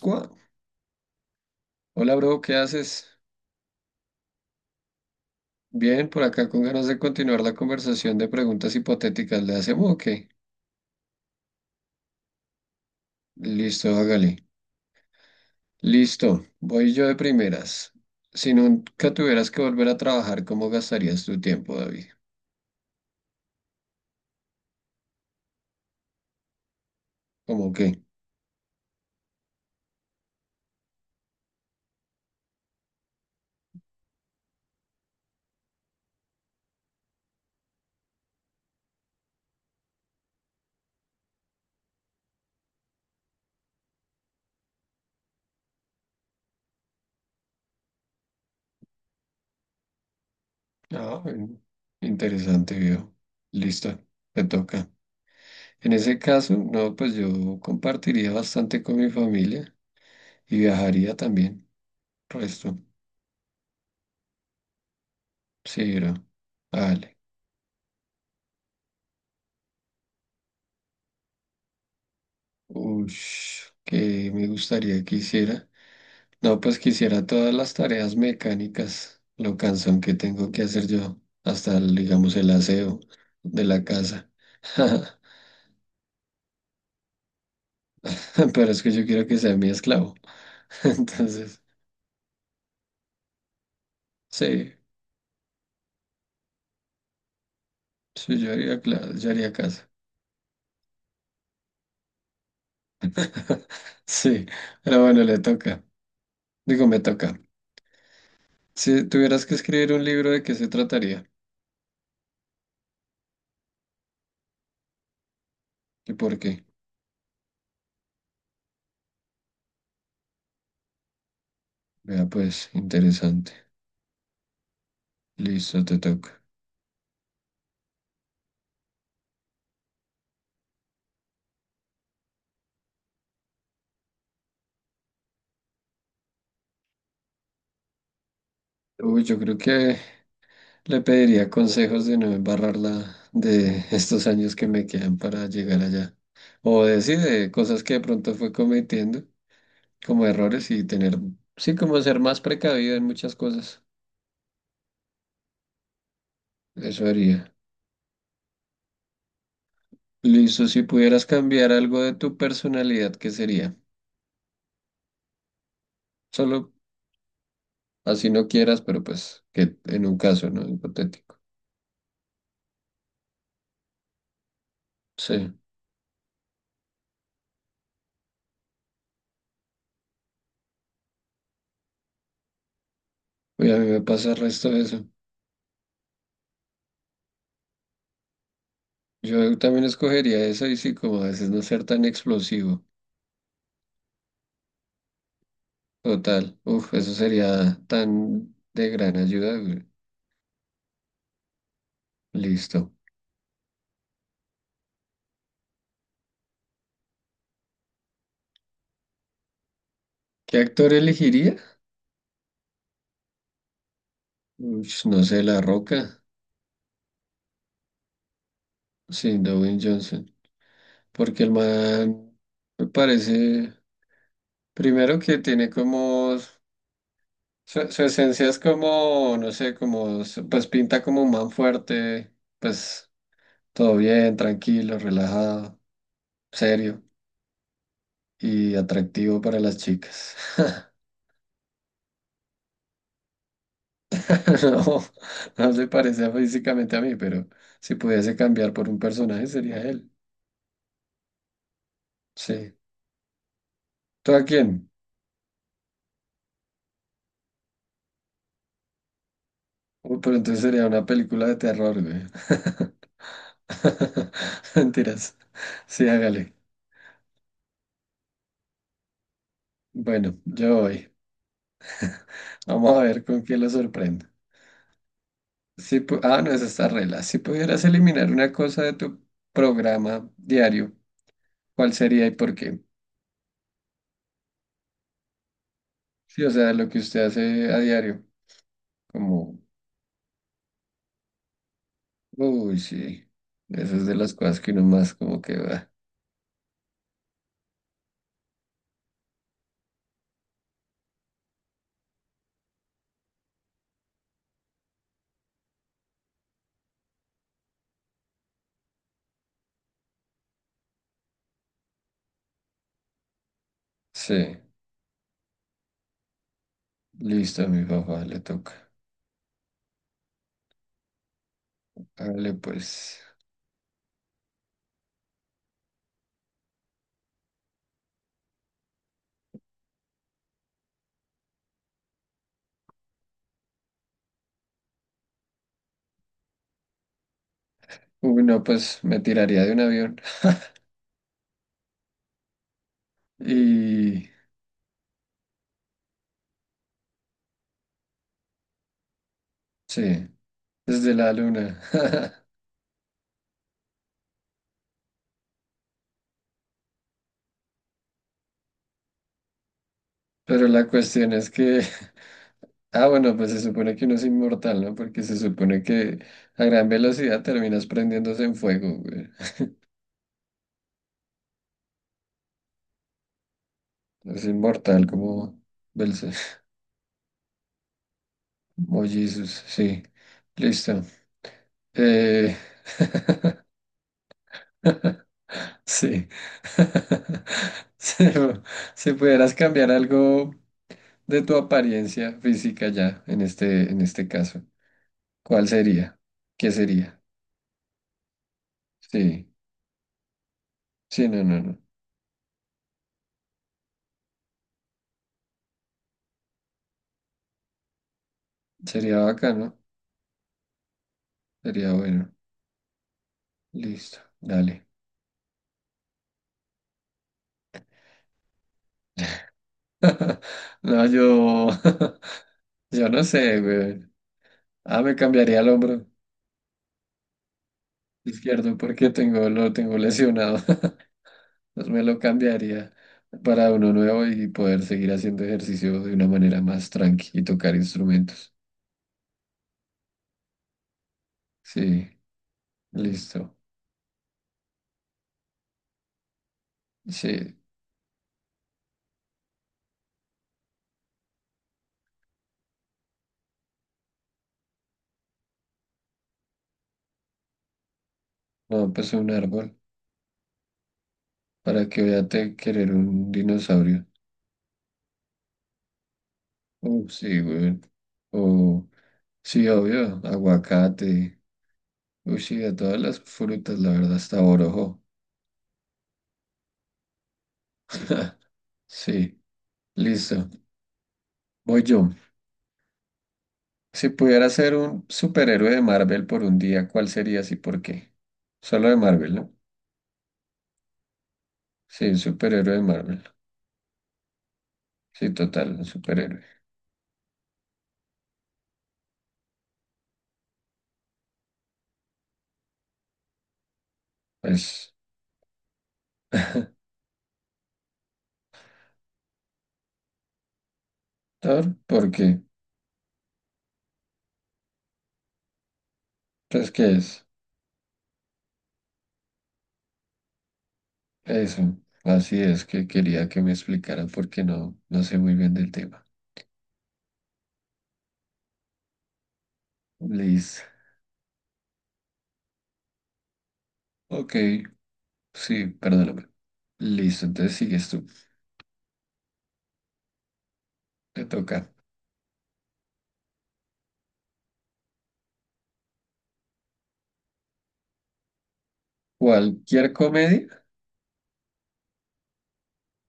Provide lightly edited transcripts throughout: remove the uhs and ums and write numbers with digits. Cua- Hola, bro, ¿qué haces? Bien, por acá con ganas de continuar la conversación de preguntas hipotéticas. ¿Le hacemos o qué? Listo, hágale. Listo, voy yo de primeras. Si nunca tuvieras que volver a trabajar, ¿cómo gastarías tu tiempo, David? ¿Cómo qué? Ah, bueno, interesante, viejo. Listo, te toca. En ese caso, no, pues yo compartiría bastante con mi familia y viajaría también. Resto, sí, bro. Vale. Ush, que me gustaría que hiciera. No, pues quisiera todas las tareas mecánicas, lo cansón que tengo que hacer yo, hasta el, digamos el aseo de la casa. Pero es que yo quiero que sea mi esclavo. Entonces, sí, yo haría casa. Sí, pero bueno, le toca. Digo, me toca. Si tuvieras que escribir un libro, ¿de qué se trataría? ¿Y por qué? Vea, pues, interesante. Listo, te toca. Uy, yo creo que le pediría consejos de no embarrarla de estos años que me quedan para llegar allá. O decir de cosas que de pronto fue cometiendo como errores y tener, sí, como ser más precavido en muchas cosas. Eso haría. Listo, si pudieras cambiar algo de tu personalidad, ¿qué sería? Solo así no quieras, pero pues que en un caso, ¿no? Hipotético. Sí. Uy, a mí me pasa el resto de eso. Yo también escogería eso y sí, como a veces no ser tan explosivo. Total, uf, eso sería tan de gran ayuda, güey. Listo. ¿Qué actor elegiría? Ush, no sé, La Roca, sí, Dwayne Johnson, porque el man me parece, primero que tiene como, su esencia es como, no sé, como, pues pinta como un man fuerte, pues todo bien, tranquilo, relajado, serio y atractivo para las chicas. No, no se parece físicamente a mí, pero si pudiese cambiar por un personaje sería él. Sí. ¿Tú a quién? Uy, pero entonces sería una película de terror, güey. Mentiras. Sí, hágale. Bueno, yo voy. Vamos a ver con quién lo sorprendo. No, esa está regla. Si pudieras eliminar una cosa de tu programa diario, ¿cuál sería y por qué? Sí, o sea, lo que usted hace a diario, como Uy, sí. Esas es de las cosas que uno más como que va. Sí, listo, a mi papá le toca. Hágale pues. Uy, no, pues me tiraría de un avión. Y sí, desde la luna. Pero la cuestión es que, ah, bueno, pues se supone que uno es inmortal, ¿no? Porque se supone que a gran velocidad terminas prendiéndose en fuego, güey. Es inmortal como Belce. Mollizos, sí. Listo. Eh, Sí. Si, si pudieras cambiar algo de tu apariencia física ya, en este caso, ¿cuál sería? ¿Qué sería? Sí, sí, no, no, no. Sería bacano, sería bueno. Listo, dale. No, yo, yo no sé, güey. Ah, me cambiaría el hombro izquierdo porque tengo, lo tengo lesionado. Pues me lo cambiaría para uno nuevo y poder seguir haciendo ejercicio de una manera más tranqui y tocar instrumentos. Sí, listo. Sí, no, pues un árbol. ¿Para que voy a querer un dinosaurio? Sí, güey. O, sí, obvio, aguacate. Uy, sí, de todas las frutas, la verdad, hasta borojo. Sí, listo. Voy yo. Si pudiera ser un superhéroe de Marvel por un día, ¿cuál serías y por qué? ¿Solo de Marvel, no? Sí, un superhéroe de Marvel. Sí, total, un superhéroe. Pues, Thor, ¿por qué? Pues, ¿qué es? Eso. Así es que quería que me explicara porque no, no sé muy bien del tema. Liz. Ok, sí, perdóname. Listo, entonces sigues tú. Te toca. Cualquier comedia,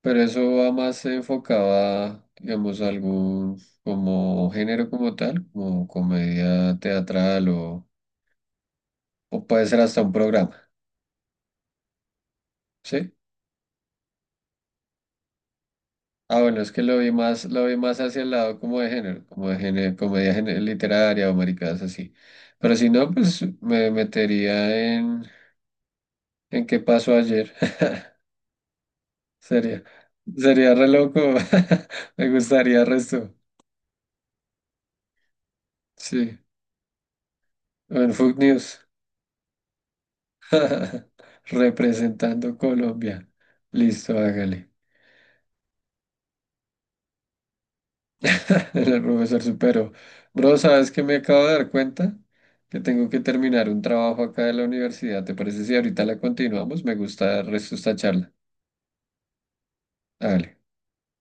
pero eso va más enfocado a, digamos, algún como género como tal, como comedia teatral o puede ser hasta un programa, ¿sí? Ah, bueno, es que lo vi más hacia el lado como de género, literaria o maricadas así. Pero si no, pues me metería en qué pasó ayer. Sería, sería re loco. Me gustaría el resto. Sí. O en Food News. Representando Colombia. Listo, hágale. El profesor supero. Bro, ¿sabes qué me acabo de dar cuenta? Que tengo que terminar un trabajo acá de la universidad. ¿Te parece si ahorita la continuamos? Me gusta el resto de esta charla. Hágale.